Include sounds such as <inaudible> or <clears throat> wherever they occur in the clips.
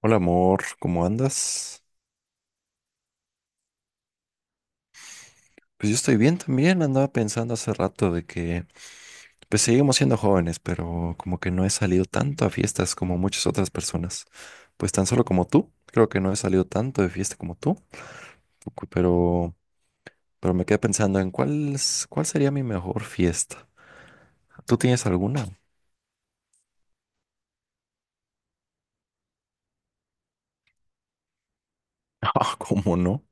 Hola amor, ¿cómo andas? Pues yo estoy bien también, andaba pensando hace rato de que pues seguimos siendo jóvenes, pero como que no he salido tanto a fiestas como muchas otras personas. Pues tan solo como tú, creo que no he salido tanto de fiesta como tú, pero me quedé pensando en cuál sería mi mejor fiesta. ¿Tú tienes alguna? <laughs> Ah, ¿cómo no?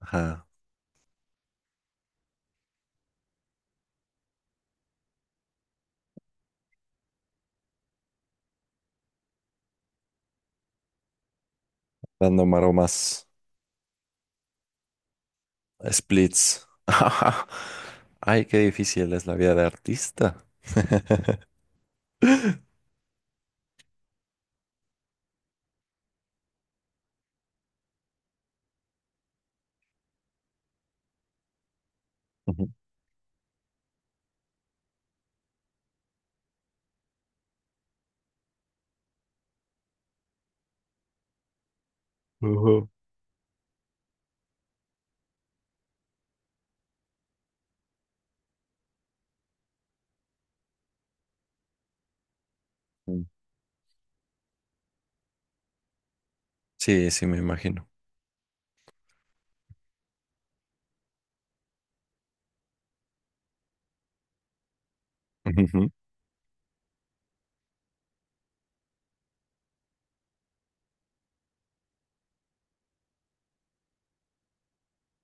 Ajá, dando maromas, splits. <laughs> Ay, qué difícil es la vida de artista. <laughs> Ujú. Mm. Sí, sí, me imagino. Ujú.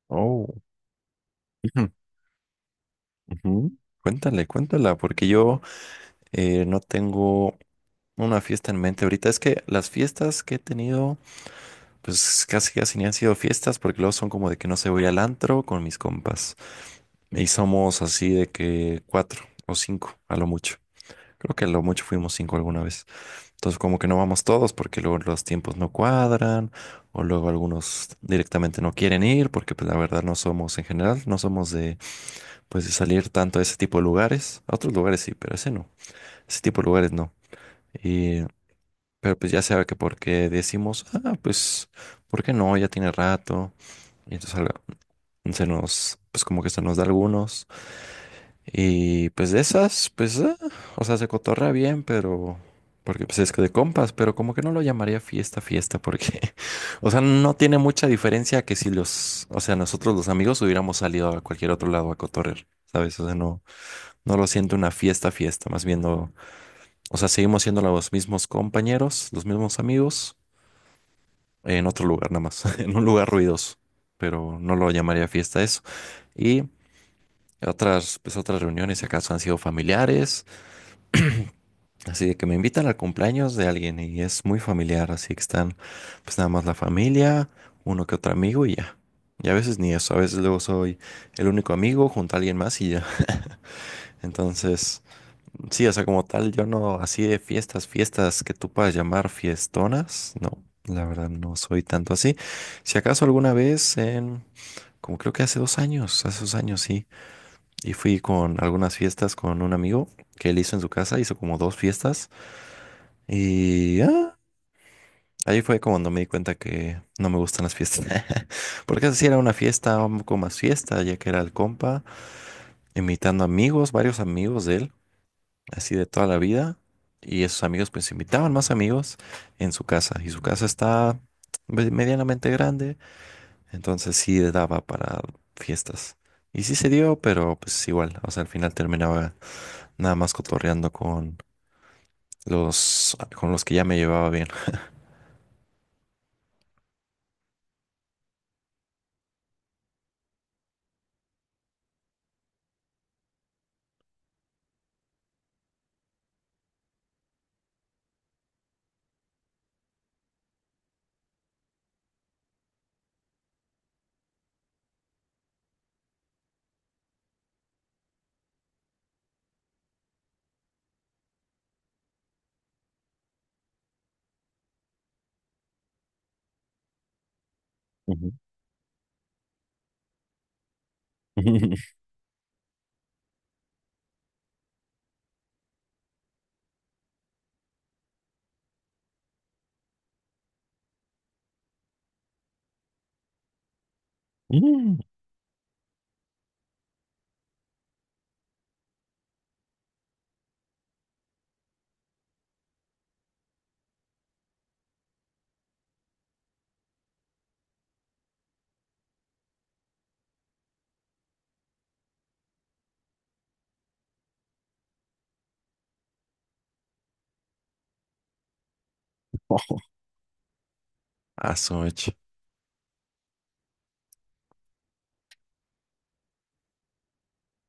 Oh, ujú, ujú. Cuéntale, cuéntala, porque yo no tengo una fiesta en mente ahorita. Es que las fiestas que he tenido, pues casi casi ni han sido fiestas, porque luego son como de que no se voy al antro con mis compas. Y somos así de que cuatro o cinco, a lo mucho. Creo que a lo mucho fuimos cinco alguna vez. Entonces como que no vamos todos porque luego los tiempos no cuadran o luego algunos directamente no quieren ir porque pues la verdad no somos en general, no somos de pues de salir tanto a ese tipo de lugares. A otros lugares sí, pero ese no. Ese tipo de lugares no. Y pero pues ya sabe que porque decimos, ah, pues ¿por qué no? Ya tiene rato. Y entonces se nos pues como que se nos da algunos y pues de esas, pues, ah, o sea, se cotorra bien, pero, porque pues es que de compas, pero como que no lo llamaría fiesta, fiesta, porque, <laughs> o sea, no tiene mucha diferencia que si los, o sea, nosotros los amigos hubiéramos salido a cualquier otro lado a cotorrear, ¿sabes? O sea, no, no lo siento una fiesta, fiesta, más bien no, o sea, seguimos siendo los mismos compañeros, los mismos amigos, en otro lugar nada más, <laughs> en un lugar ruidoso, pero no lo llamaría fiesta eso. Y otras, pues otras reuniones, si acaso han sido familiares. Así de que me invitan al cumpleaños de alguien y es muy familiar, así que están pues nada más la familia, uno que otro amigo y ya. Y a veces ni eso, a veces luego soy el único amigo junto a alguien más y ya. <laughs> Entonces, sí, o sea, como tal, yo no, así de fiestas, fiestas que tú puedas llamar fiestonas, no, la verdad no soy tanto así. Si acaso alguna vez en, como creo que hace dos años sí, y fui con algunas fiestas con un amigo que él hizo en su casa, hizo como dos fiestas. Y ahí fue como cuando me di cuenta que no me gustan las fiestas. <laughs> Porque así era una fiesta, un poco más fiesta, ya que era el compa, invitando amigos, varios amigos de él, así de toda la vida. Y esos amigos pues invitaban más amigos en su casa. Y su casa está medianamente grande, entonces sí daba para fiestas. Y sí se dio, pero pues igual, o sea, al final terminaba nada más cotorreando con con los que ya me llevaba bien. Ujú. <laughs> Mm. Ojo. Ah, su mecha.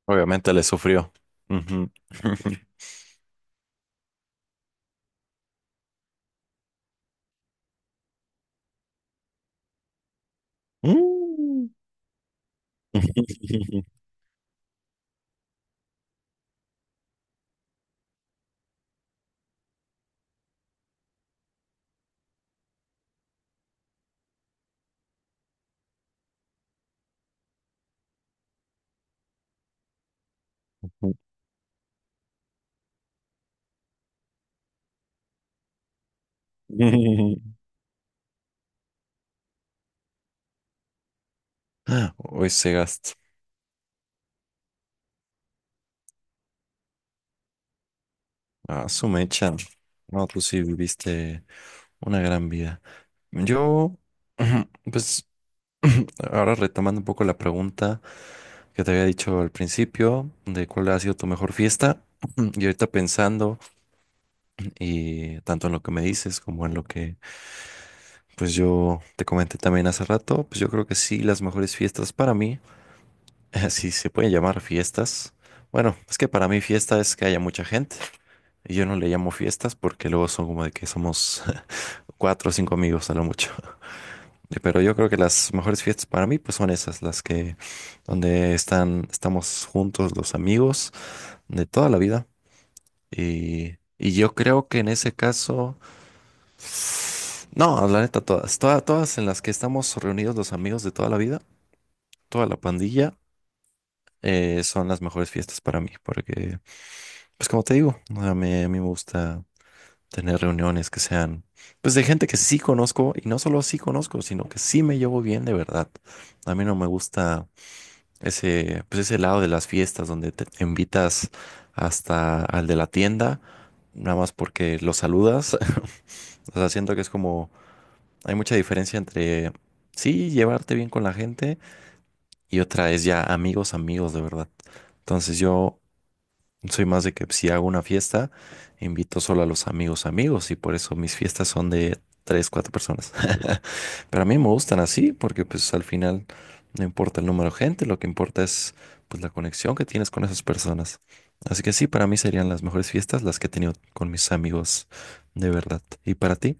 Obviamente le sufrió. Ujú. <laughs> Mm. <laughs> Hoy se gasta. Ah, su mecha. No, tú sí viviste una gran vida. Yo, <clears throat> pues, <clears throat> ahora retomando un poco la pregunta que te había dicho al principio de cuál ha sido tu mejor fiesta. <clears throat> Y ahorita pensando, y tanto en lo que me dices como en lo que, pues yo te comenté también hace rato, pues yo creo que sí, las mejores fiestas para mí. <laughs> Si se puede llamar fiestas. Bueno, es que para mí fiesta es que haya mucha gente. Y yo no le llamo fiestas porque luego son como de que somos <laughs> cuatro o cinco amigos a lo mucho. <laughs> Pero yo creo que las mejores fiestas para mí pues son esas, las que estamos juntos los amigos de toda la vida. Y yo creo que en ese caso, <sighs> no, la neta, todas, todas, todas en las que estamos reunidos los amigos de toda la vida, toda la pandilla, son las mejores fiestas para mí porque... Pues como te digo, o sea, a mí me gusta tener reuniones que sean, pues de gente que sí conozco y no solo sí conozco, sino que sí me llevo bien de verdad. A mí no me gusta ese, pues ese lado de las fiestas donde te invitas hasta al de la tienda, nada más porque lo saludas. <laughs> O sea, siento que es como, hay mucha diferencia entre sí llevarte bien con la gente y otra es ya amigos, amigos de verdad. Entonces yo soy más de que si hago una fiesta, invito solo a los amigos amigos y por eso mis fiestas son de tres, cuatro personas. <laughs> Pero a mí me gustan así porque pues al final no importa el número de gente, lo que importa es pues la conexión que tienes con esas personas. Así que sí, para mí serían las mejores fiestas las que he tenido con mis amigos de verdad. ¿Y para ti?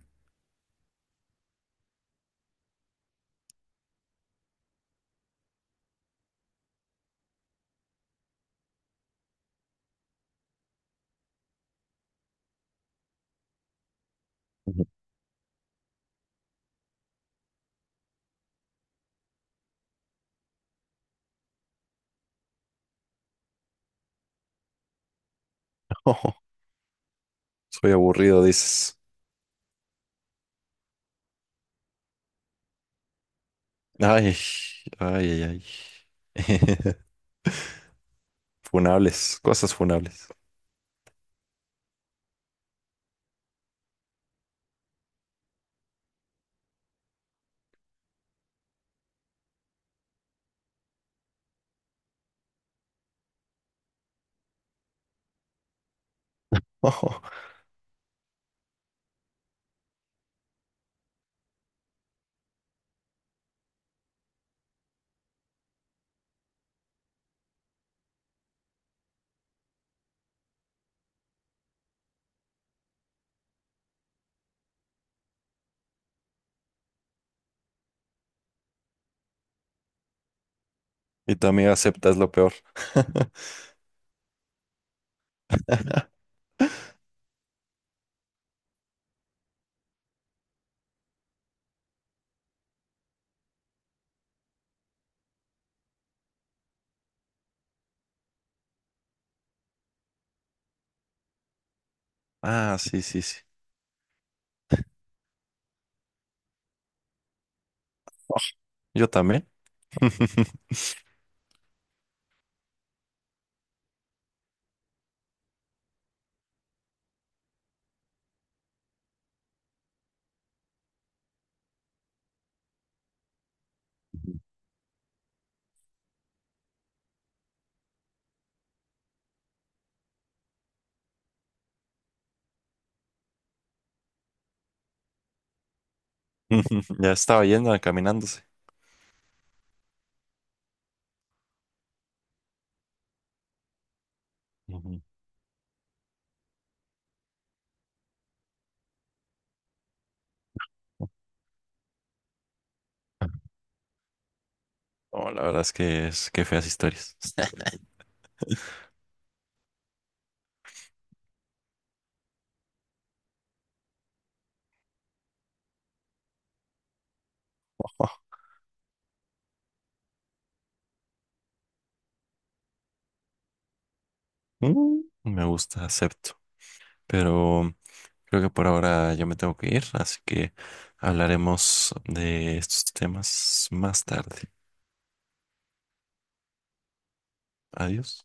Ujú. <laughs> Soy aburrido, dices. Ay, ay, ay, ay. <laughs> Funables, cosas funables. <laughs> Y tu amiga acepta es lo peor. <laughs> Ah, sí, sí, sí. Yo también. <laughs> Ya estaba yendo, caminándose. Ujú. No, la verdad es que feas historias. <laughs> Mm, me gusta, acepto. Pero creo que por ahora yo me tengo que ir, así que hablaremos de estos temas más tarde. Adiós.